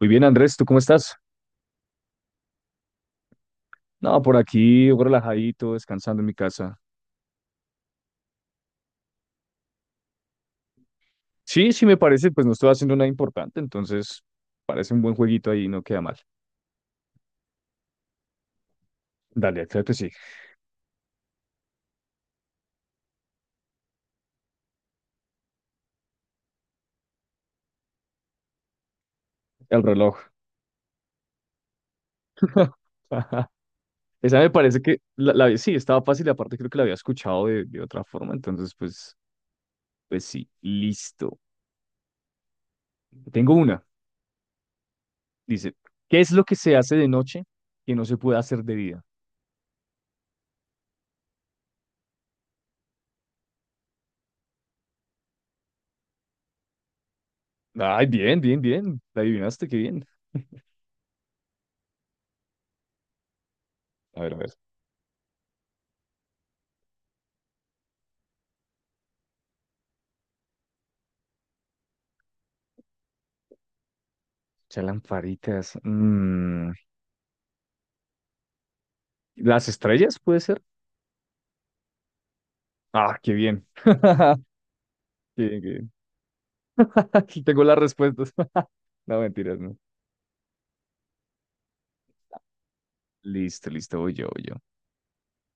Muy bien, Andrés, ¿tú cómo estás? No, por aquí relajadito, descansando en mi casa. Sí, sí me parece, pues no estoy haciendo nada importante, entonces parece un buen jueguito ahí, no queda mal. Dale, claro que sí. El reloj. Esa me parece que sí, estaba fácil, y aparte creo que la había escuchado de otra forma, entonces pues sí, listo. Tengo una, dice, ¿qué es lo que se hace de noche que no se puede hacer de día? Ay, bien, bien, bien, la adivinaste, qué bien. A ver, a ver. Chalamparitas. ¿Las estrellas puede ser? Ah, qué bien. Qué bien, qué bien. Aquí tengo las respuestas. No, mentiras, no. Listo, listo, voy yo, voy yo.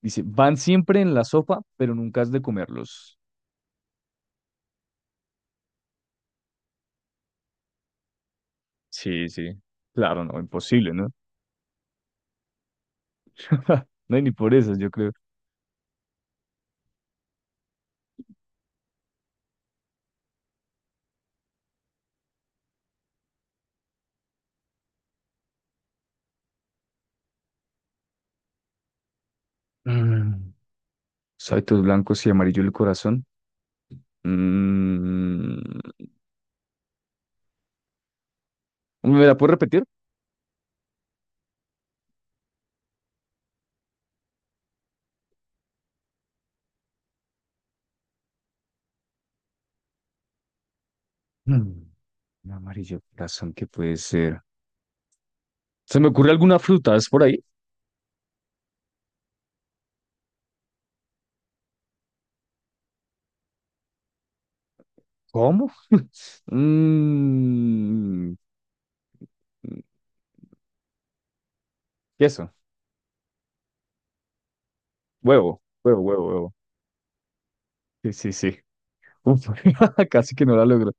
Dice, van siempre en la sopa, pero nunca has de comerlos. Sí, sí. Claro, no, imposible, ¿no? No hay ni por eso, yo creo. Mm. Saitos blancos y amarillo el corazón. Mm. ¿Me la puedes repetir? Mm. Amarillo el corazón, ¿qué puede ser? ¿Se me ocurre alguna fruta? ¿Es por ahí? ¿Cómo? Mm. Mm, queso, huevo. Sí, sí, sí. Uf, casi que no la logro.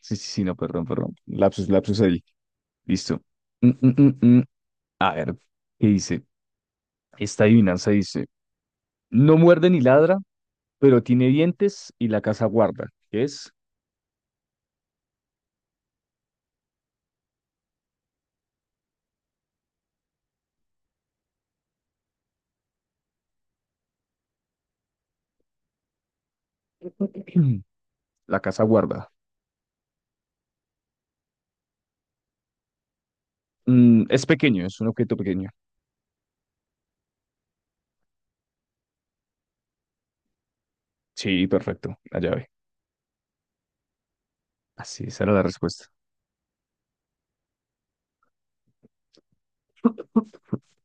Sí, sí, sí, no, perdón, perdón. Lapsus, lapsus ahí. Listo. Mm, mm, mm, mm. A ver, ¿qué dice? Esta adivinanza dice, no muerde ni ladra, pero tiene dientes y la casa guarda. ¿Qué es? La casa guarda. Mm, es pequeño, es un objeto pequeño. Sí, perfecto, la llave. Así, esa era la respuesta.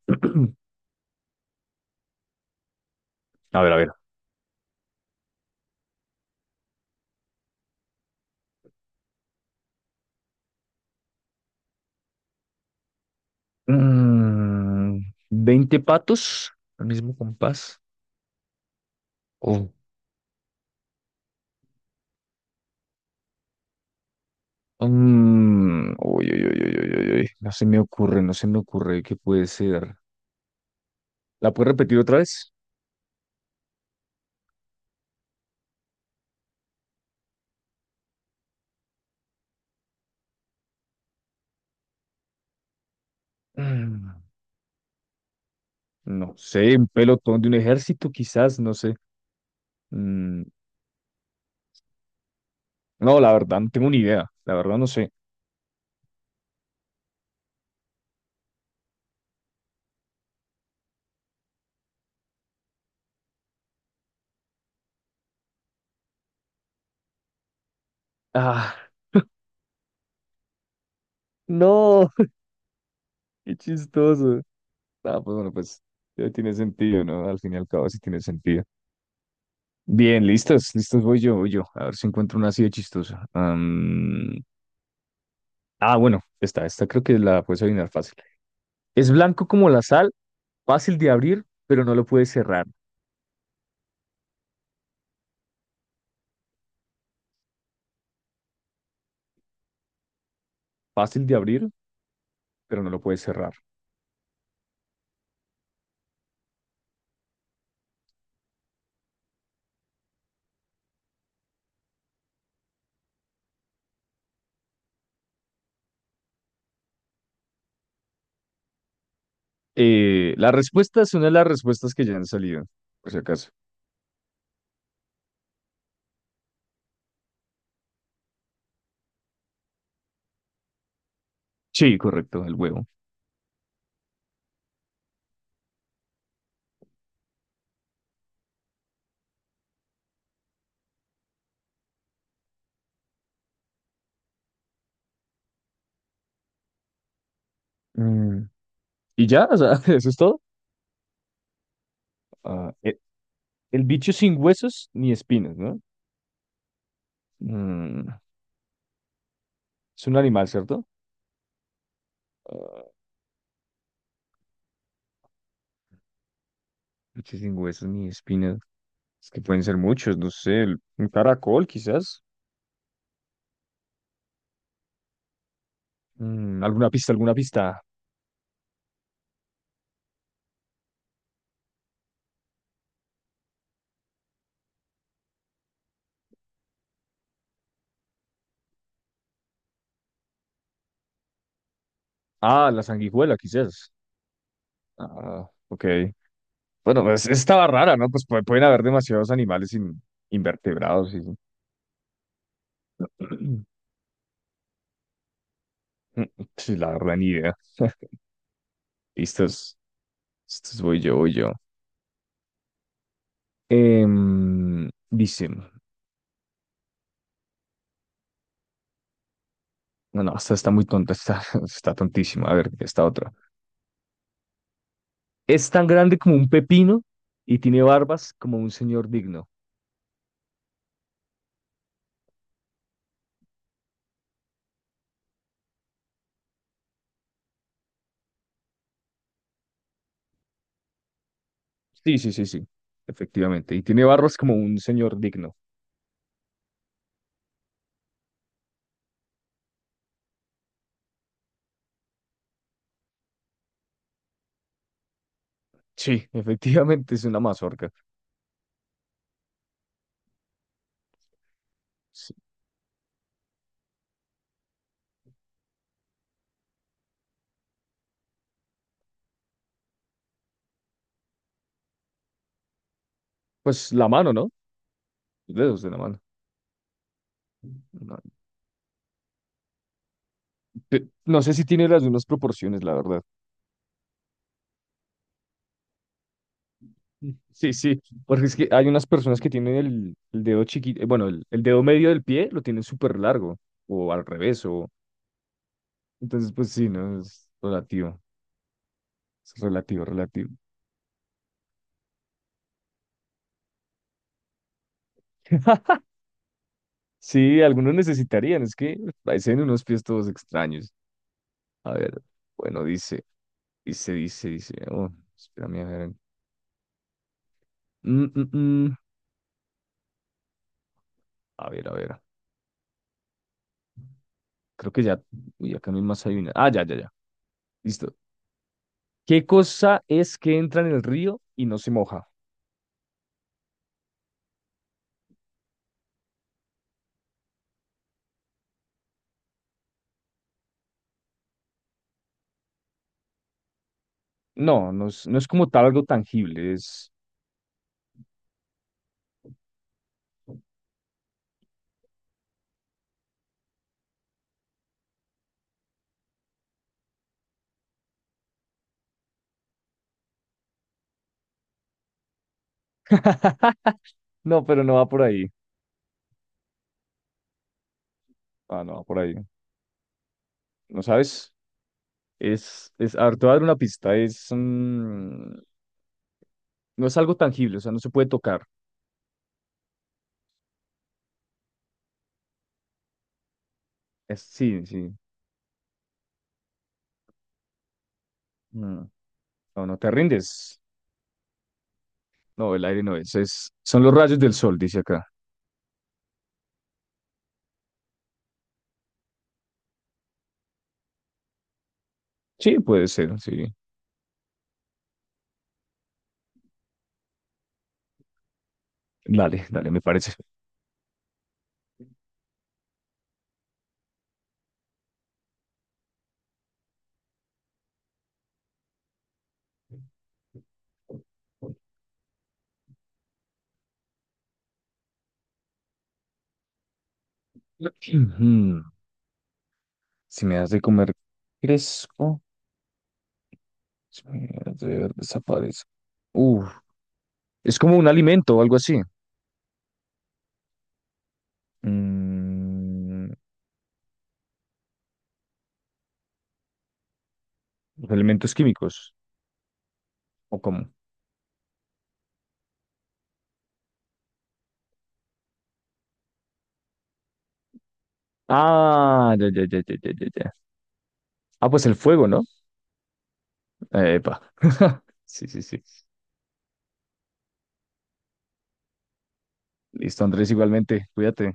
A ver, a ver. Mm, 20 patos, al mismo compás. Oh, uy, uy, uy, uy, uy, uy, uy, no se me ocurre, no se me ocurre qué puede ser. ¿La puedes repetir otra vez? Mm, no sé, un pelotón de un ejército, quizás, no sé. Mm, no, la verdad, no tengo ni idea. La verdad, no sé. Ah, no, qué chistoso. Ah, pues bueno, pues ya tiene sentido, ¿no? Al fin y al cabo, sí tiene sentido. Bien, listos, listos, voy yo, voy yo. A ver si encuentro una así de chistosa. Bueno, esta creo que la puedes adivinar fácil. Es blanco como la sal, fácil de abrir, pero no lo puedes cerrar. Fácil de abrir, pero no lo puedes cerrar. La respuesta es una de las respuestas que ya han salido, por si acaso. Sí, correcto, el huevo. Mm, y ya, o sea, eso es todo. Ah, e- el, bicho sin huesos ni espinas, ¿no? Mm, es un animal, ¿cierto? Ah, bicho sin huesos ni espinas. Es que pueden ser muchos, no sé, el- un caracol quizás. Mm, alguna pista, alguna pista. Ah, la sanguijuela quizás. Ah, ok. Bueno, pues estaba rara, ¿no? Pues pu- pueden haber demasiados animales in- invertebrados y... Sí, la verdad, ni idea. Listos. Estos voy yo, voy yo. Em, dice... No, no, esta está muy tonta, está, está tontísima. A ver, esta otra. Es tan grande como un pepino y tiene barbas como un señor digno. Sí, sí, sí, sí, efectivamente. Y tiene barbas como un señor digno. Sí, efectivamente es una mazorca. Sí. Pues la mano, ¿no? Los dedos de la mano. No, pe- no sé si tiene las mismas proporciones, la verdad. Sí, sí, porque es que hay unas personas que tienen el dedo chiquito, bueno, el dedo medio del pie lo tienen súper largo, o al revés, o... Entonces, pues sí, no, es relativo, relativo. Sí, algunos necesitarían, es que parecen unos pies todos extraños. A ver, bueno, dice, oh, espérame, a ver. Mm, mm, mm. A ver, a ver, creo que ya, uy, acá mismo hay una. Ah, ya, ya, ya, listo. ¿Qué cosa es que entra en el río y no se moja? No, no es, no es como tal algo tangible, es... No, pero no va por ahí. Ah, no va por ahí. ¿No sabes? Es, a ver, te voy a dar una pista. No es algo tangible, o sea, no se puede tocar. Es, sí, sí. Mm. No, no te rindes. No, el aire no es, es. Son los rayos del sol, dice acá. Sí, puede ser, sí. Dale, dale, me parece. Ujú. Si me das de comer, crezco. Si me das de ver, desaparezco. Uf, es como un alimento o algo así. Mm, los elementos químicos, ¿o cómo? Ah, ya, ya, ya, ya, ya, ya. Ya. Ah, pues el fuego, ¿no? Epa. Sí, sí, sí. Listo, Andrés, igualmente. Cuídate.